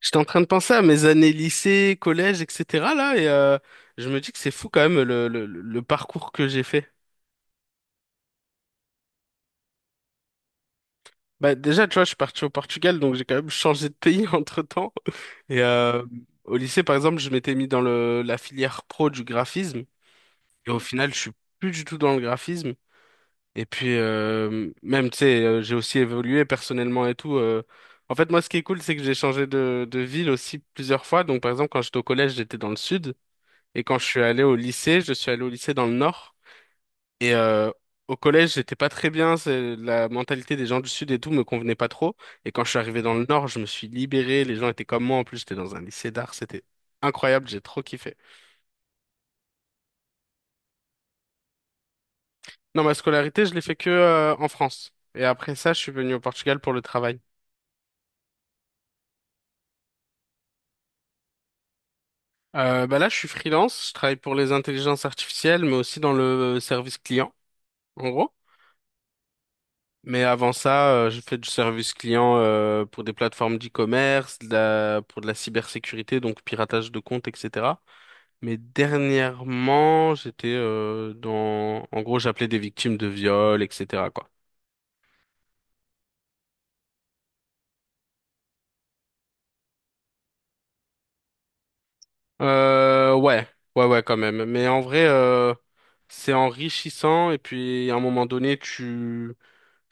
J'étais en train de penser à mes années lycée, collège, etc. là, je me dis que c'est fou quand même le parcours que j'ai fait. Bah, déjà, tu vois, je suis parti au Portugal, donc j'ai quand même changé de pays entre-temps. Et euh, Au lycée, par exemple, je m'étais mis dans la filière pro du graphisme. Et au final, je suis plus du tout dans le graphisme. Et puis, même, tu sais, j'ai aussi évolué personnellement et tout. En fait, moi, ce qui est cool, c'est que j'ai changé de ville aussi plusieurs fois. Donc, par exemple, quand j'étais au collège, j'étais dans le sud. Et quand je suis allé au lycée, je suis allé au lycée dans le Nord. Et euh, Au collège, j'étais pas très bien. La mentalité des gens du Sud et tout me convenait pas trop. Et quand je suis arrivé dans le Nord, je me suis libéré. Les gens étaient comme moi. En plus, j'étais dans un lycée d'art. C'était incroyable. J'ai trop kiffé. Non, ma scolarité, je l'ai fait que en France. Et après ça, je suis venu au Portugal pour le travail. Bah là, je suis freelance. Je travaille pour les intelligences artificielles, mais aussi dans le service client, en gros. Mais avant ça, j'ai fait du service client pour des plateformes d'e-commerce, pour de la cybersécurité, donc piratage de comptes, etc. Mais dernièrement, j'étais dans... En gros, j'appelais des victimes de viol, etc. quoi. Euh, ouais, ouais, quand même. Mais en vrai, c'est enrichissant et puis à un moment donné, tu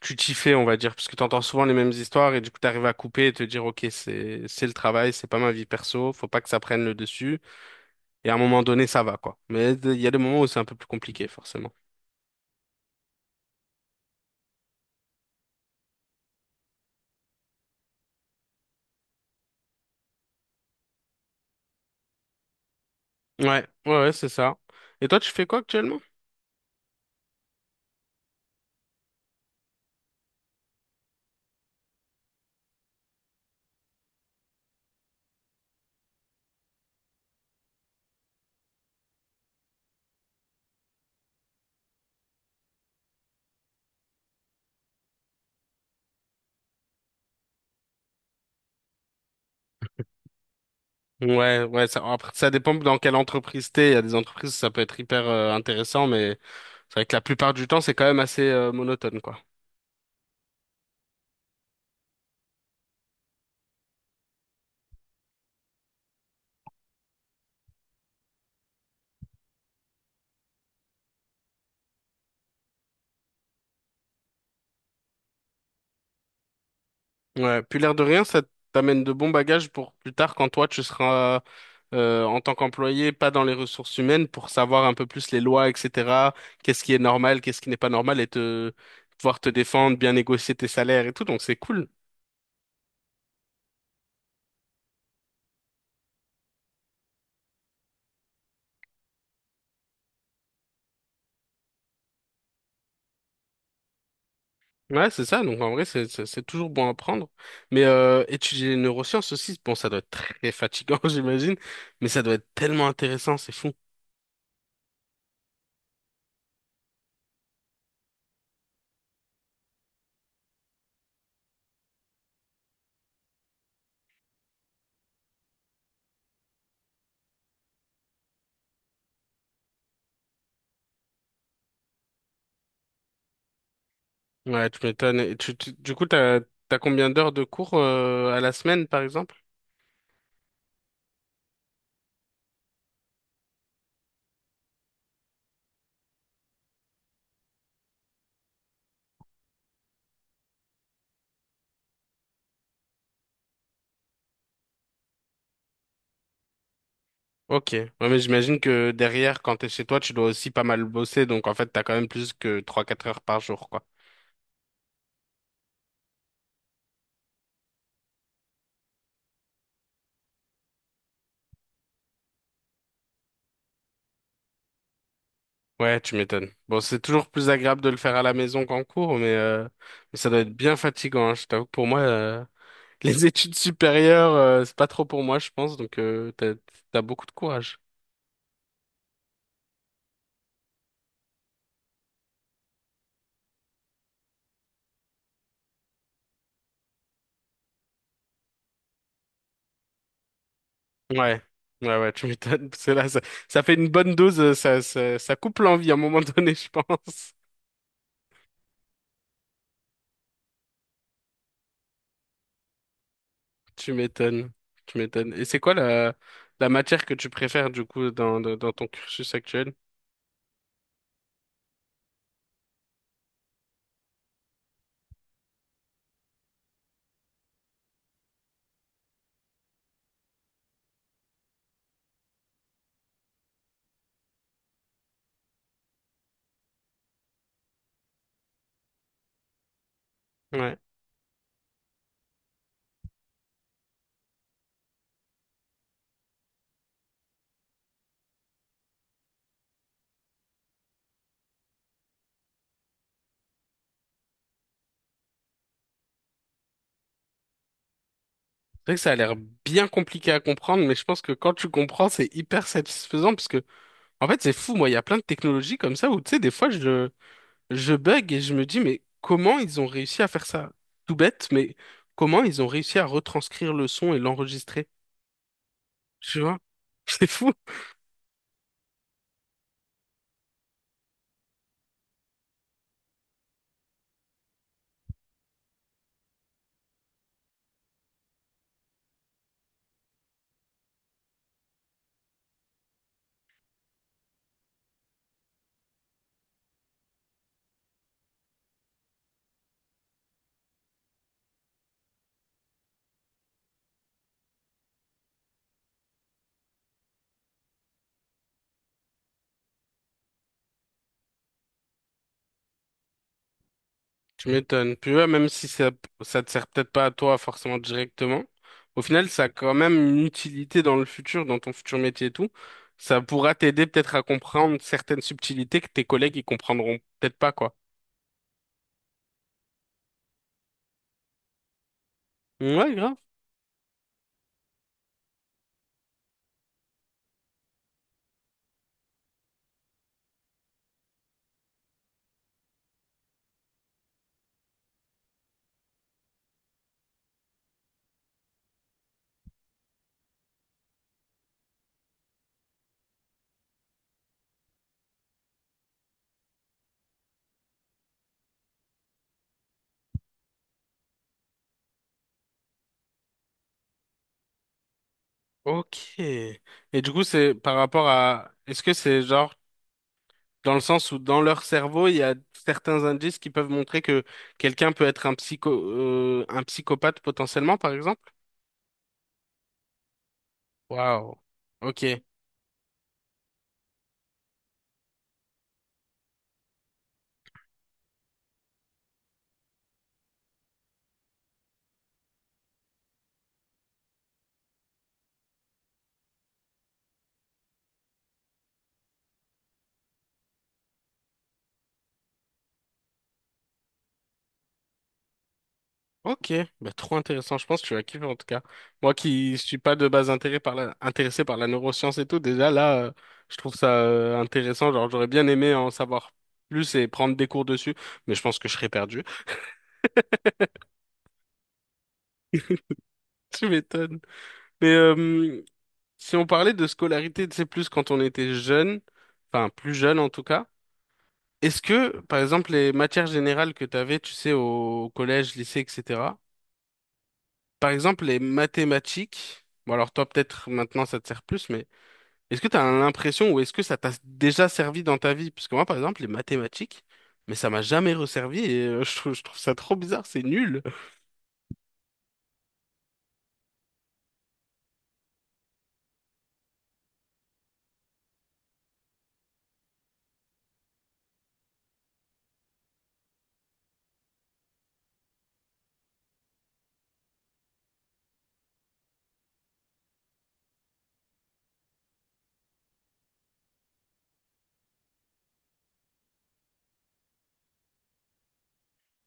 tu t'y fais, on va dire, parce que t'entends souvent les mêmes histoires et du coup, t'arrives à couper et te dire, ok, c'est le travail, c'est pas ma vie perso, faut pas que ça prenne le dessus. Et à un moment donné, ça va, quoi. Mais il y a des moments où c'est un peu plus compliqué, forcément. Ouais, ouais, ouais, c'est ça. Et toi, tu fais quoi actuellement? Ouais, ouais, ça, après, ça dépend dans quelle entreprise t'es. Il y a des entreprises, ça peut être hyper intéressant, mais c'est vrai que la plupart du temps, c'est quand même assez monotone, quoi. Ouais, puis l'air de rien, ça t'amène de bons bagages pour plus tard quand toi tu seras en tant qu'employé, pas dans les ressources humaines, pour savoir un peu plus les lois, etc. Qu'est-ce qui est normal, qu'est-ce qui n'est pas normal, et te pouvoir te défendre, bien négocier tes salaires et tout, donc c'est cool. Ouais, c'est ça. Donc en vrai, c'est toujours bon à prendre. Mais étudier les neurosciences aussi, bon, ça doit être très fatigant, j'imagine, mais ça doit être tellement intéressant, c'est fou. Ouais, tu m'étonnes. Et du coup, t'as combien d'heures de cours à la semaine, par exemple? Ok. Ouais, mais j'imagine que derrière, quand t'es chez toi, tu dois aussi pas mal bosser, donc en fait, t'as quand même plus que trois quatre heures par jour, quoi. Ouais, tu m'étonnes. Bon, c'est toujours plus agréable de le faire à la maison qu'en cours, mais ça doit être bien fatigant, hein. Je t'avoue que pour moi. Les études supérieures, c'est pas trop pour moi, je pense, donc t'as beaucoup de courage. Ouais, ouais, ouais, tu m'étonnes, parce que là, ça fait une bonne dose, ça coupe l'envie à un moment donné, je pense. Tu m'étonnes, tu m'étonnes. Et c'est quoi la matière que tu préfères, du coup, dans ton cursus actuel? Ouais. C'est vrai que ça a l'air bien compliqué à comprendre, mais je pense que quand tu comprends, c'est hyper satisfaisant, parce que, en fait, c'est fou, moi, il y a plein de technologies comme ça où, tu sais, des fois, je bug et je me dis, mais comment ils ont réussi à faire ça? Tout bête, mais comment ils ont réussi à retranscrire le son et l'enregistrer? Tu vois? C'est fou. Tu m'étonnes. Puis ouais, même si ça te sert peut-être pas à toi forcément directement, au final, ça a quand même une utilité dans le futur, dans ton futur métier et tout. Ça pourra t'aider peut-être à comprendre certaines subtilités que tes collègues ils comprendront peut-être pas, quoi. Ouais, grave. Ok. Et du coup, c'est par rapport à... Est-ce que c'est genre... Dans le sens où dans leur cerveau, il y a certains indices qui peuvent montrer que quelqu'un peut être un psycho, un psychopathe potentiellement, par exemple. Waouh. Ok. Ok. Bah, trop intéressant. Je pense que tu vas kiffer en tout cas. Moi qui suis pas de base intéressé par intéressé par la neuroscience et tout, déjà là, je trouve ça intéressant. Genre, j'aurais bien aimé en savoir plus et prendre des cours dessus, mais je pense que je serais perdu. Tu m'étonnes. Mais si on parlait de scolarité, tu sais, plus quand on était jeune, enfin plus jeune en tout cas. Est-ce que, par exemple, les matières générales que tu avais, tu sais, au collège, lycée, etc., par exemple, les mathématiques, bon alors toi peut-être maintenant ça te sert plus, mais est-ce que tu as l'impression ou est-ce que ça t'a déjà servi dans ta vie? Parce que moi, par exemple, les mathématiques, mais ça m'a jamais resservi et je trouve ça trop bizarre, c'est nul.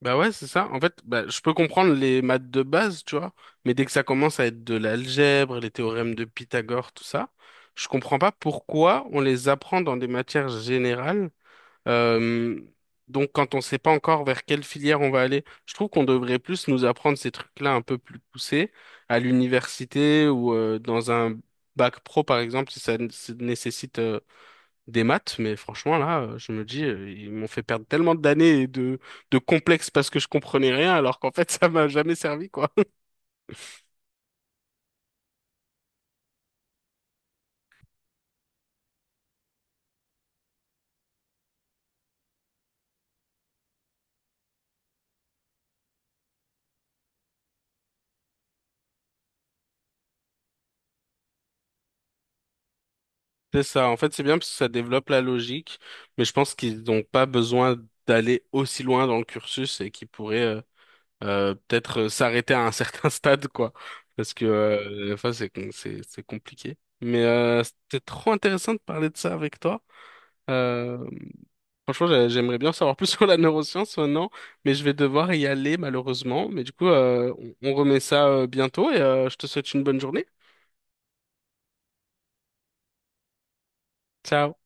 Bah ouais, c'est ça. En fait, bah, je peux comprendre les maths de base, tu vois, mais dès que ça commence à être de l'algèbre, les théorèmes de Pythagore, tout ça, je comprends pas pourquoi on les apprend dans des matières générales. euh, donc, quand on sait pas encore vers quelle filière on va aller, je trouve qu'on devrait plus nous apprendre ces trucs-là un peu plus poussés à l'université ou dans un bac pro, par exemple, si si ça nécessite des maths, mais franchement, là, je me dis, ils m'ont fait perdre tellement d'années et de complexes parce que je comprenais rien, alors qu'en fait, ça m'a jamais servi, quoi. C'est ça. En fait, c'est bien parce que ça développe la logique, mais je pense qu'ils n'ont pas besoin d'aller aussi loin dans le cursus et qu'ils pourraient peut-être s'arrêter à un certain stade, quoi. Parce que des fois, c'est compliqué. Mais c'était trop intéressant de parler de ça avec toi. Euh, Franchement, j'aimerais bien en savoir plus sur la neuroscience maintenant, mais je vais devoir y aller malheureusement. Mais du coup, on remet ça bientôt et je te souhaite une bonne journée. Ciao.